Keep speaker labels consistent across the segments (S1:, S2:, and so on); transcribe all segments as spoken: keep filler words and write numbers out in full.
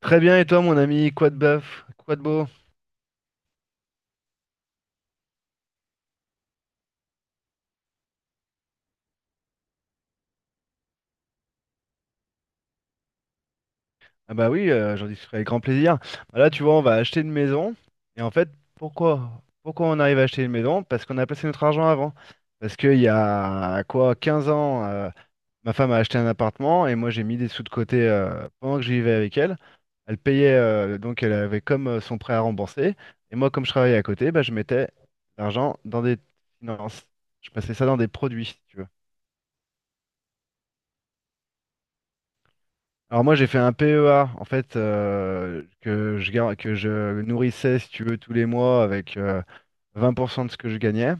S1: Très bien, et toi, mon ami, quoi de bœuf, quoi de beau? Ah bah oui, euh, j'en discuterai avec grand plaisir. Bah là, tu vois, on va acheter une maison. Et en fait, pourquoi? Pourquoi on arrive à acheter une maison? Parce qu'on a placé notre argent avant. Parce qu'il y a quoi, quinze ans, euh, ma femme a acheté un appartement et moi j'ai mis des sous de côté euh, pendant que je vivais avec elle. Elle payait, euh, donc elle avait comme euh, son prêt à rembourser. Et moi, comme je travaillais à côté, bah, je mettais l'argent dans des finances. Je passais ça dans des produits, si tu veux. Alors moi j'ai fait un P E A en fait euh, que je gar- que je nourrissais si tu veux tous les mois avec euh, vingt pour cent de ce que je gagnais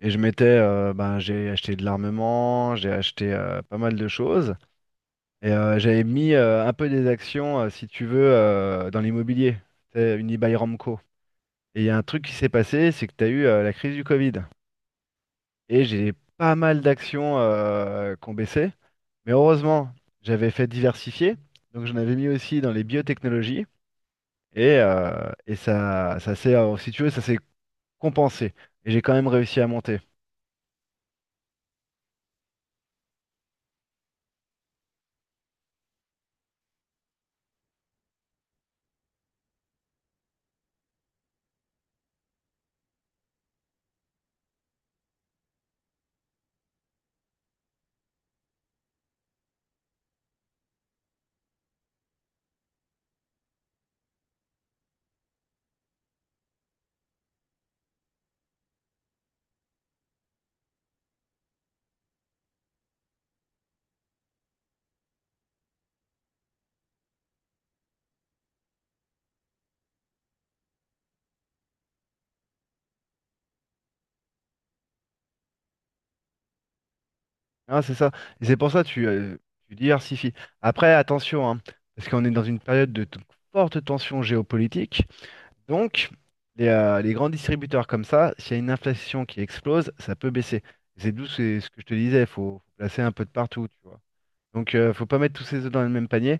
S1: et je mettais euh, ben, j'ai acheté de l'armement, j'ai acheté euh, pas mal de choses et euh, j'avais mis euh, un peu des actions euh, si tu veux euh, dans l'immobilier, c'est Unibail Ramco. Et il y a un truc qui s'est passé, c'est que tu as eu euh, la crise du Covid et j'ai pas mal d'actions euh, qui ont baissé, mais heureusement, j'avais fait diversifier, donc j'en avais mis aussi dans les biotechnologies. Et, euh, et ça, ça s'est, euh, si tu veux, ça s'est compensé. Et j'ai quand même réussi à monter. Hein, c'est ça. Et c'est pour ça que tu, euh, tu diversifies. Après, attention, hein, parce qu'on est dans une période de t- forte tension géopolitique. Donc, les, euh, les grands distributeurs comme ça, s'il y a une inflation qui explose, ça peut baisser. C'est d'où c'est ce que je te disais, il faut, faut placer un peu de partout, tu vois. Donc, euh, faut pas mettre tous ses œufs dans le même panier.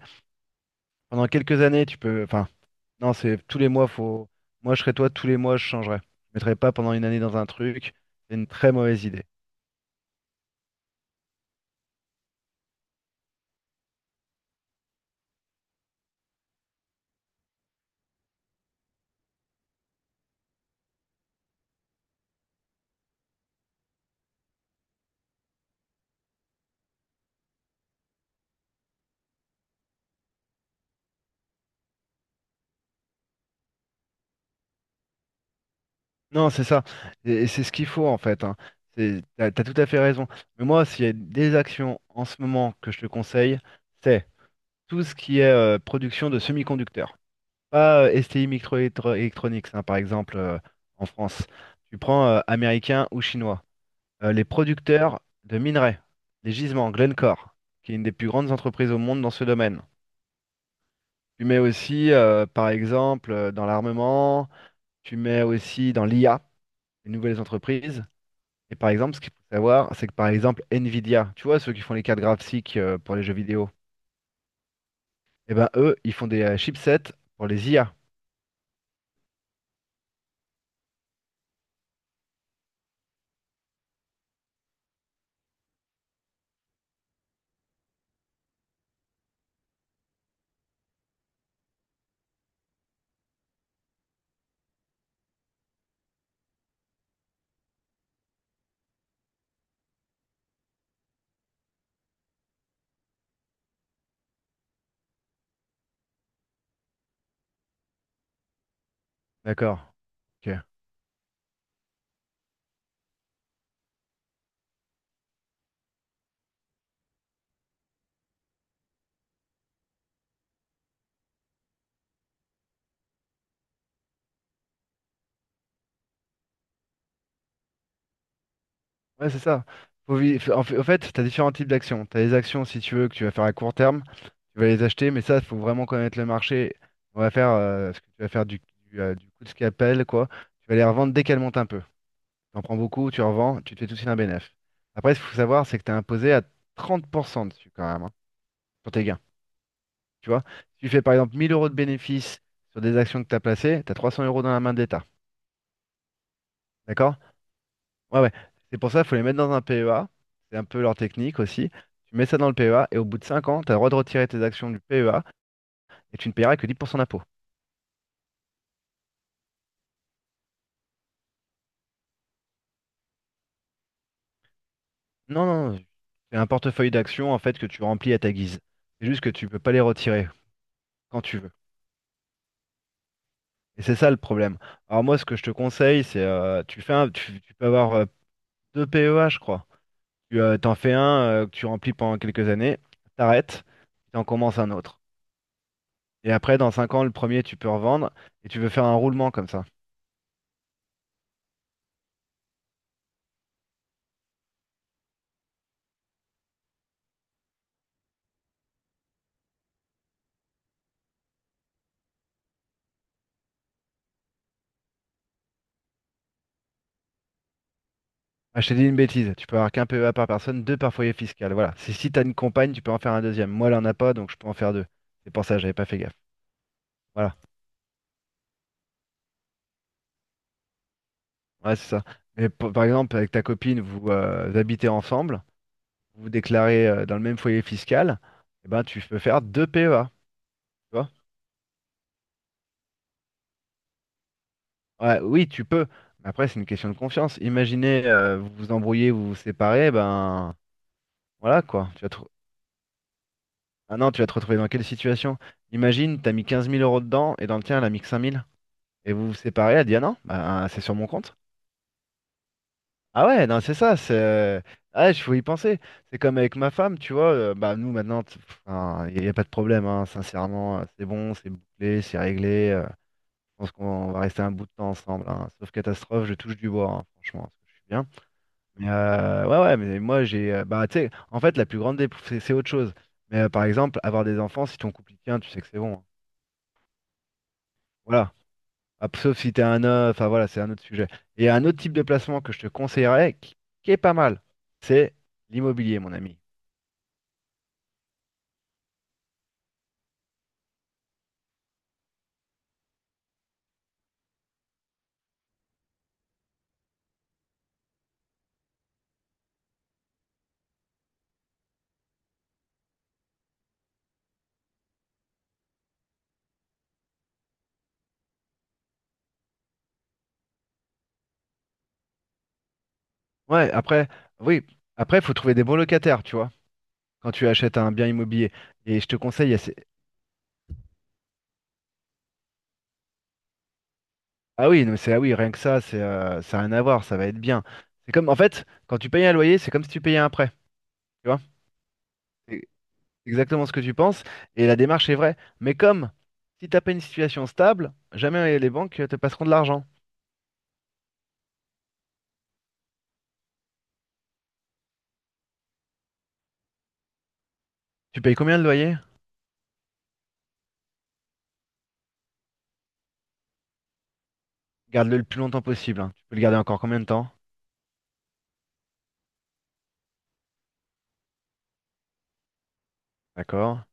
S1: Pendant quelques années, tu peux, enfin, non, c'est tous les mois, faut. Moi, je serais toi, tous les mois, je changerais. Je mettrais pas pendant une année dans un truc. C'est une très mauvaise idée. Non, c'est ça. Et, et c'est ce qu'il faut, en fait. Hein. C'est- T'as, t'as tout à fait raison. Mais moi, s'il y a des actions en ce moment que je te conseille, c'est tout ce qui est euh, production de semi-conducteurs. Pas euh, S T I Microelectronics, hein, par exemple, euh, en France. Tu prends euh, américain ou chinois. Euh, les producteurs de minerais, les gisements, Glencore, qui est une des plus grandes entreprises au monde dans ce domaine. Tu mets aussi, euh, par exemple, euh, dans l'armement, tu mets aussi dans l'I A, les nouvelles entreprises. Et par exemple, ce qu'il faut savoir, c'est que par exemple, Nvidia, tu vois, ceux qui font les cartes graphiques euh, pour les jeux vidéo, eh ben eux, ils font des euh, chipsets pour les I A. D'accord. Ok. Ouais, c'est ça. Faut vi- f- en fait, en fait, t'as différents types d'actions. T'as les actions, si tu veux, que tu vas faire à court terme, tu vas les acheter, mais ça, il faut vraiment connaître le marché. On va faire, euh, ce que tu vas faire du, du, euh, du coup de scalpel, quoi. Tu vas les revendre dès qu'elles montent un peu. T'en prends beaucoup, tu revends, tu te fais tout de suite un bénéf. Après, ce qu'il faut savoir, c'est que tu es imposé à trente pour cent dessus quand même, hein, sur tes gains. Tu vois, si tu fais par exemple mille euros de bénéfices sur des actions que tu as placées, tu as trois cents euros dans la main de l'État. D'accord? Ouais, ouais. C'est pour ça qu'il faut les mettre dans un P E A. C'est un peu leur technique aussi. Tu mets ça dans le P E A et au bout de cinq ans, tu as le droit de retirer tes actions du P E A et tu ne payeras que dix pour cent d'impôt. Non, non, c'est un portefeuille d'actions en fait que tu remplis à ta guise. C'est juste que tu peux pas les retirer quand tu veux. Et c'est ça le problème. Alors moi, ce que je te conseille, c'est euh, tu fais un, tu, tu peux avoir euh, deux P E A, je crois. Tu euh, t'en fais un euh, que tu remplis pendant quelques années, t'arrêtes, tu en commences un autre. Et après, dans cinq ans, le premier, tu peux revendre et tu veux faire un roulement comme ça. Ah, je t'ai dit une bêtise. Tu peux avoir qu'un P E A par personne, deux par foyer fiscal. Voilà. Si, si t'as une compagne, tu peux en faire un deuxième. Moi, elle en a pas, donc je peux en faire deux. C'est pour ça, j'avais pas fait gaffe. Voilà. Ouais, c'est ça. Mais p- par exemple, avec ta copine, vous euh, vous habitez ensemble. Vous vous déclarez euh, dans le même foyer fiscal, eh ben, tu peux faire deux P E A. Tu vois? Ouais, oui, tu peux. Mais après, c'est une question de confiance. Imaginez, euh, vous vous embrouillez, vous vous séparez, ben voilà quoi. Tu vas te... Ah non, tu vas te retrouver dans quelle situation? Imagine, tu as mis quinze mille euros dedans et dans le tien, elle a mis que cinq mille. Et vous vous séparez, elle dit ah non, ben, c'est sur mon compte. Ah ouais, non, c'est ça. C'est... euh, Ah, ouais, il faut y penser. C'est comme avec ma femme, tu vois. euh, bah, nous, maintenant, il n'y a, y a pas de problème, hein, sincèrement. euh, C'est bon, c'est bouclé, c'est réglé. euh, Je pense qu'on va rester un bout de temps ensemble, hein. Sauf catastrophe, je touche du bois, hein, franchement, parce que je suis bien. Mais euh, ouais, ouais, mais moi, j'ai. euh, bah, tu sais, en fait, la plus grande dépre- c'est c'est autre chose. Mais euh, par exemple, avoir des enfants, si ton couple y tient, tu sais que c'est bon, hein. Voilà. Ah, p- sauf si t'es un homme, enfin voilà, c'est un autre sujet. Et il y a un autre type de placement que je te conseillerais, qui, qui est pas mal, c'est l'immobilier, mon ami. Ouais, après, oui, après, faut trouver des bons locataires, tu vois, quand tu achètes un bien immobilier. Et je te conseille, ah oui, non, mais c'est ah oui, rien que ça, c'est euh, ça a rien à voir, ça va être bien. C'est comme en fait, quand tu payes un loyer, c'est comme si tu payais un prêt, tu vois? C'est exactement ce que tu penses et la démarche est vraie. Mais comme si t'as pas une situation stable, jamais les banques te passeront de l'argent. Tu payes combien de loyer? Garde-le le plus longtemps possible, hein. Tu peux le garder encore combien de temps? D'accord.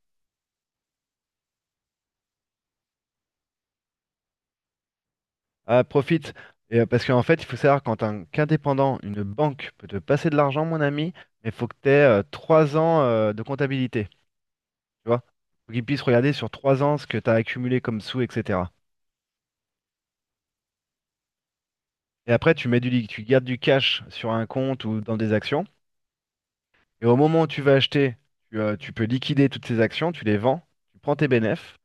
S1: Ah, profite. Et, euh, parce qu'en fait, il faut savoir quand un qu'indépendant, une banque peut te passer de l'argent, mon ami, mais il faut que tu aies trois ans euh, de comptabilité, tu vois. Faut qu'ils puissent regarder sur trois ans ce que tu as accumulé comme sous, et cetera. Et après, tu mets du, li- tu gardes du cash sur un compte ou dans des actions. Et au moment où tu vas acheter, tu, euh, tu peux liquider toutes ces actions, tu les vends, tu prends tes bénéfices.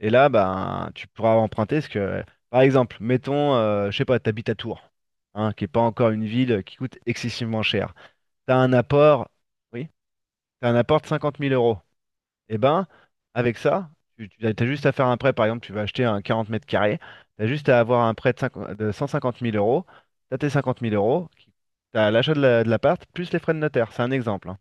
S1: Et là, ben, tu pourras emprunter ce que, par exemple, mettons, euh, je sais pas, t'habites à Tours, hein, qui est pas encore une ville qui coûte excessivement cher. T'as un apport, oui, t'as un apport de cinquante mille euros. Et ben, avec ça, tu, tu as juste à faire un prêt, par exemple, tu vas acheter un quarante mètres carrés, tu as juste à avoir un prêt de, cinquante de cent cinquante mille euros, tu as tes cinquante mille euros, tu as l'achat de la- de l'appart, plus les frais de notaire, c'est un exemple, hein.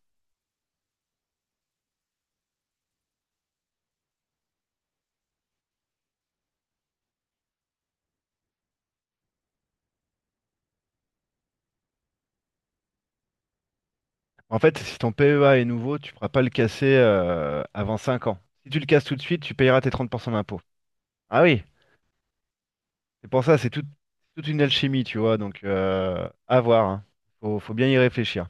S1: En fait, si ton P E A est nouveau, tu ne pourras pas le casser euh, avant cinq ans. Si tu le casses tout de suite, tu payeras tes trente pour cent d'impôt. Ah oui, c'est pour ça, c'est tout- toute une alchimie, tu vois, donc euh, à voir, hein. Faut, faut bien y réfléchir.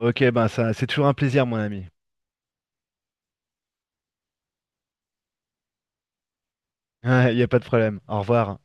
S1: Ok, ben ça, c'est toujours un plaisir, mon ami. Il n'y a pas de problème. Au revoir.